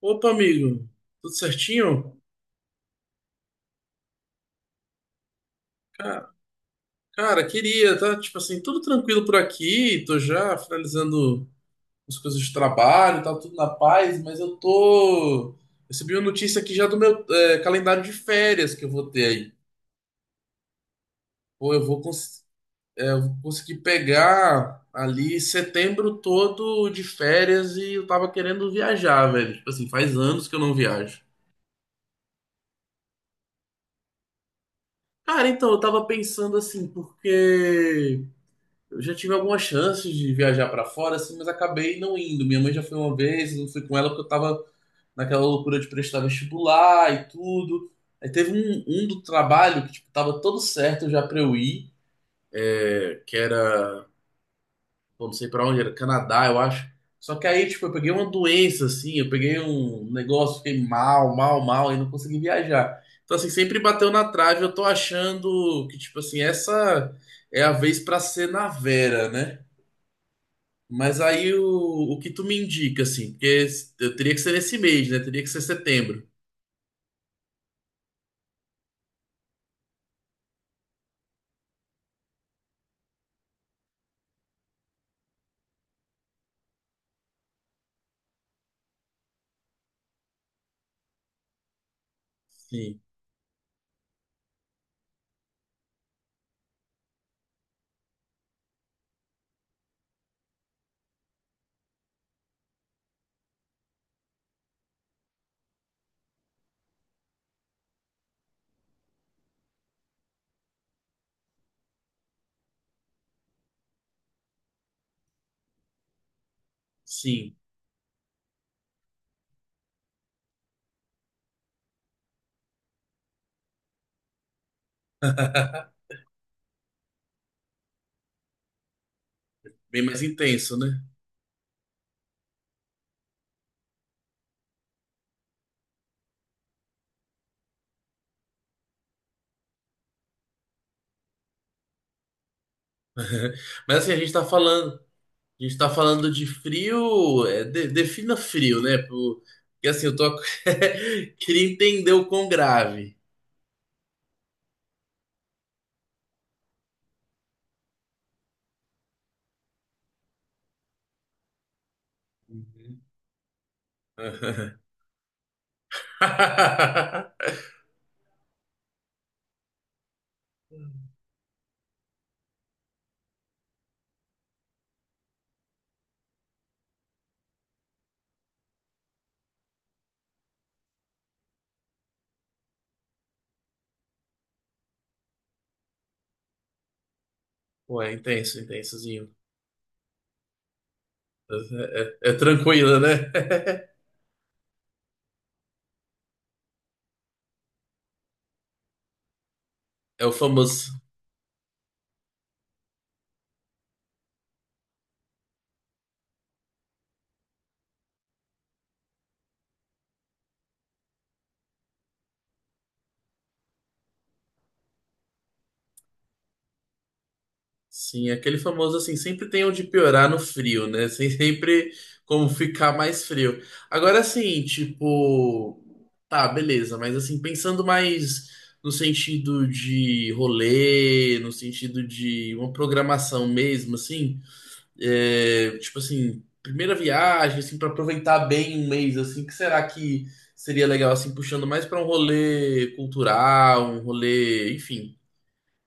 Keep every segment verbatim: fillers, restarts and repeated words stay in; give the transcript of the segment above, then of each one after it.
Opa, amigo, tudo certinho? Ca- Cara, queria, tá? Tipo assim, tudo tranquilo por aqui, tô já finalizando as coisas de trabalho, tá tudo na paz, mas eu tô. Recebi uma notícia aqui já do meu é, calendário de férias que eu vou ter aí. Pô, eu vou, cons- é, eu vou conseguir pegar ali setembro todo de férias e eu tava querendo viajar, velho. Tipo assim, faz anos que eu não viajo. Cara, então, eu tava pensando assim, porque. Eu já tive algumas chances de viajar pra fora, assim, mas acabei não indo. Minha mãe já foi uma vez, eu não fui com ela porque eu tava naquela loucura de prestar vestibular e tudo. Aí teve um, um do trabalho que, tipo, tava todo certo já pra eu ir, que era, pô, não sei pra onde, era Canadá, eu acho. Só que aí, tipo, eu peguei uma doença, assim, eu peguei um negócio, fiquei mal, mal, mal, e não consegui viajar. Então, assim, sempre bateu na trave, eu tô achando que, tipo, assim, essa é a vez pra ser na Vera, né? Mas aí o, o que tu me indica, assim, porque s- eu teria que ser nesse mês, né? Teria que ser setembro. Sim, sim. Bem mais intenso, né? Mas assim, a gente tá falando, a gente tá falando de frio, é, de- defina frio, né? Pro- Porque assim, eu tô ac- queria entender o quão grave. Uhum. Ué, intenso, intensozinho. É, é- é tranquilo, né? É o famoso. Sim, aquele famoso assim, sempre tem onde piorar no frio, né? Sem sempre como ficar mais frio. Agora assim, tipo, tá, beleza, mas assim, pensando mais no sentido de rolê, no sentido de uma programação mesmo, assim, é, tipo assim, primeira viagem, assim, para aproveitar bem um mês, assim, que será que seria legal, assim, puxando mais para um rolê cultural, um rolê, enfim.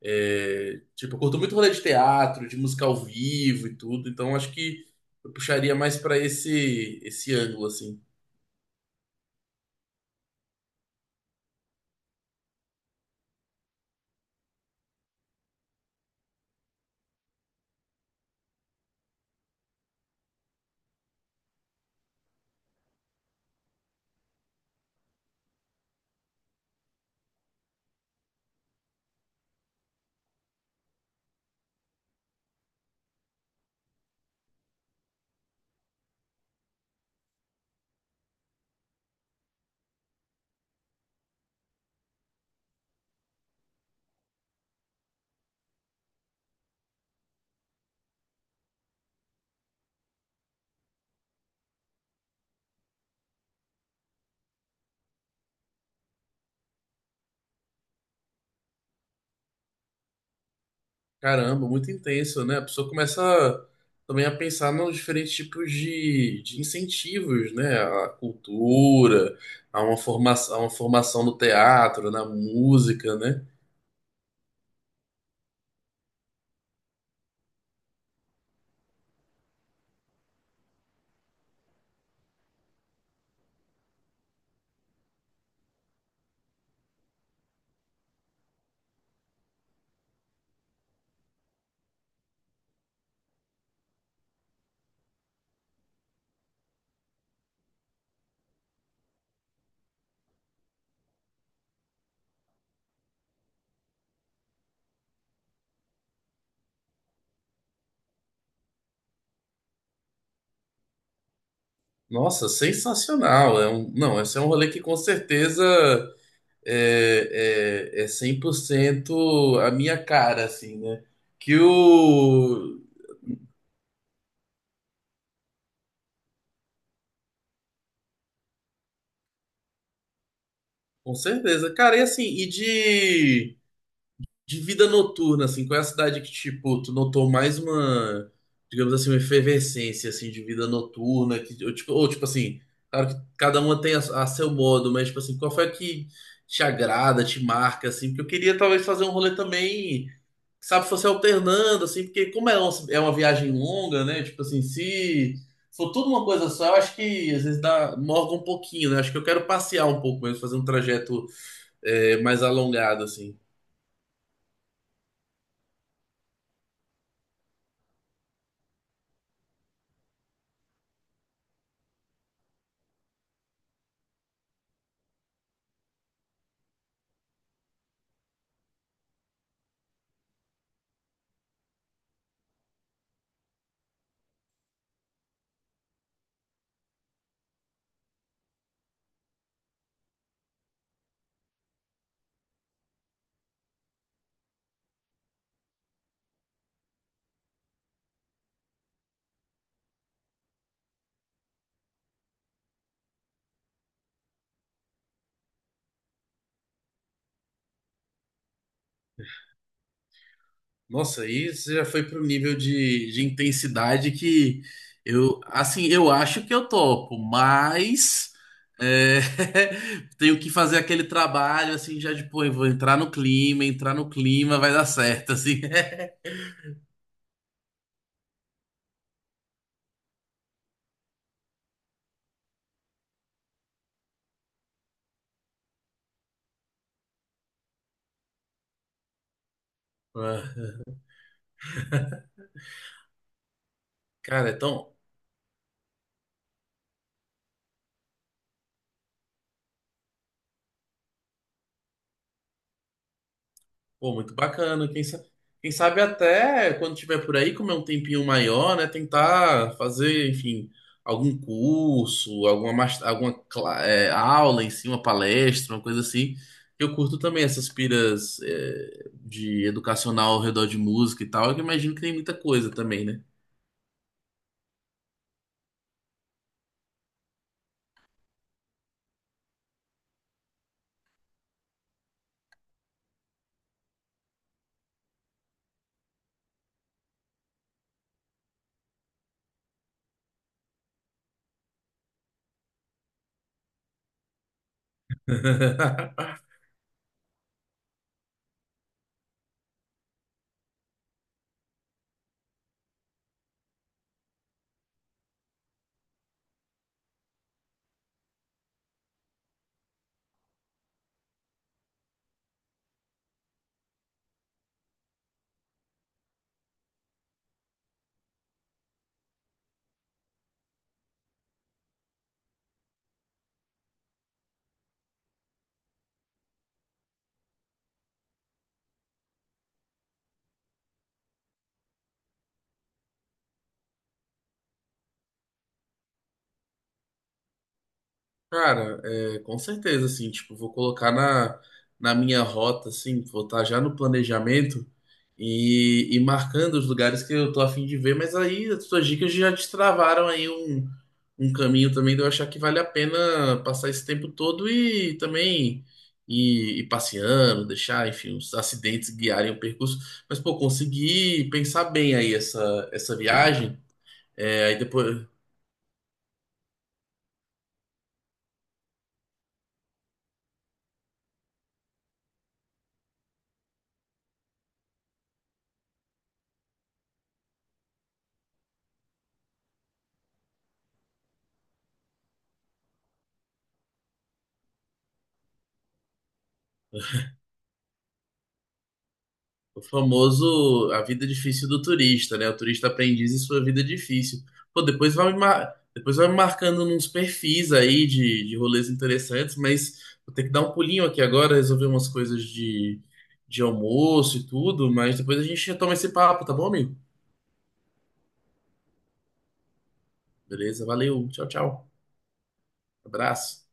É, tipo, eu curto muito rolê de teatro, de música ao vivo e tudo, então acho que eu puxaria mais pra esse esse ângulo assim. Caramba, muito intenso, né? A pessoa começa também a pensar nos diferentes tipos de, de incentivos, né? A cultura, a uma formação, a uma formação no teatro, na música, né? Nossa, sensacional. É um, não, esse é um rolê que com certeza é, é, é cem por cento a minha cara, assim, né? Que o. Com certeza. Cara, e assim, e de, de vida noturna, assim, qual é a cidade que, tipo, tu notou mais uma, digamos assim, uma efervescência, assim, de vida noturna? Que, ou, tipo, ou, tipo assim, claro que cada uma tem a, a seu modo, mas, tipo assim, qual foi a que te agrada, te marca, assim? Porque eu queria, talvez, fazer um rolê também sabe, se fosse alternando, assim, porque como é, um- é uma viagem longa, né? Tipo assim, se for tudo uma coisa só, eu acho que às vezes dá, morga um pouquinho, né? Acho que eu quero passear um pouco mesmo, fazer um trajeto é, mais alongado, assim. Nossa, aí você já foi para um nível de, de intensidade que eu, assim, eu acho que eu topo, mas é, tenho que fazer aquele trabalho, assim, já de, pô, eu vou entrar no clima, entrar no clima, vai dar certo, assim. Ah. Cara, é tão pô, muito bacana. Quem sa- quem sabe até quando tiver por aí, comer um tempinho maior, né? Tentar fazer, enfim, algum curso, alguma, mas- alguma cla- é, aula em si, uma palestra, uma coisa assim. Eu curto também essas piras, é, de educacional ao redor de música e tal, que eu imagino que tem muita coisa também, né? Cara, é, com certeza, assim, tipo, vou colocar na, na minha rota, assim, vou estar já no planejamento e, e marcando os lugares que eu tô a fim de ver, mas aí as suas dicas já destravaram aí um, um caminho também de eu achar que vale a pena passar esse tempo todo e também ir, ir passeando, deixar, enfim, os acidentes guiarem o percurso. Mas, pô, consegui pensar bem aí essa, essa viagem. É, aí depois. O famoso a vida difícil do turista, né? O turista aprendiz e sua vida difícil. Pô, depois vai me, mar... depois vai me marcando uns perfis aí de, de rolês interessantes, mas vou ter que dar um pulinho aqui agora, resolver umas coisas de, de almoço e tudo, mas depois a gente retoma esse papo, tá bom, amigo? Beleza, valeu, tchau, tchau. Abraço.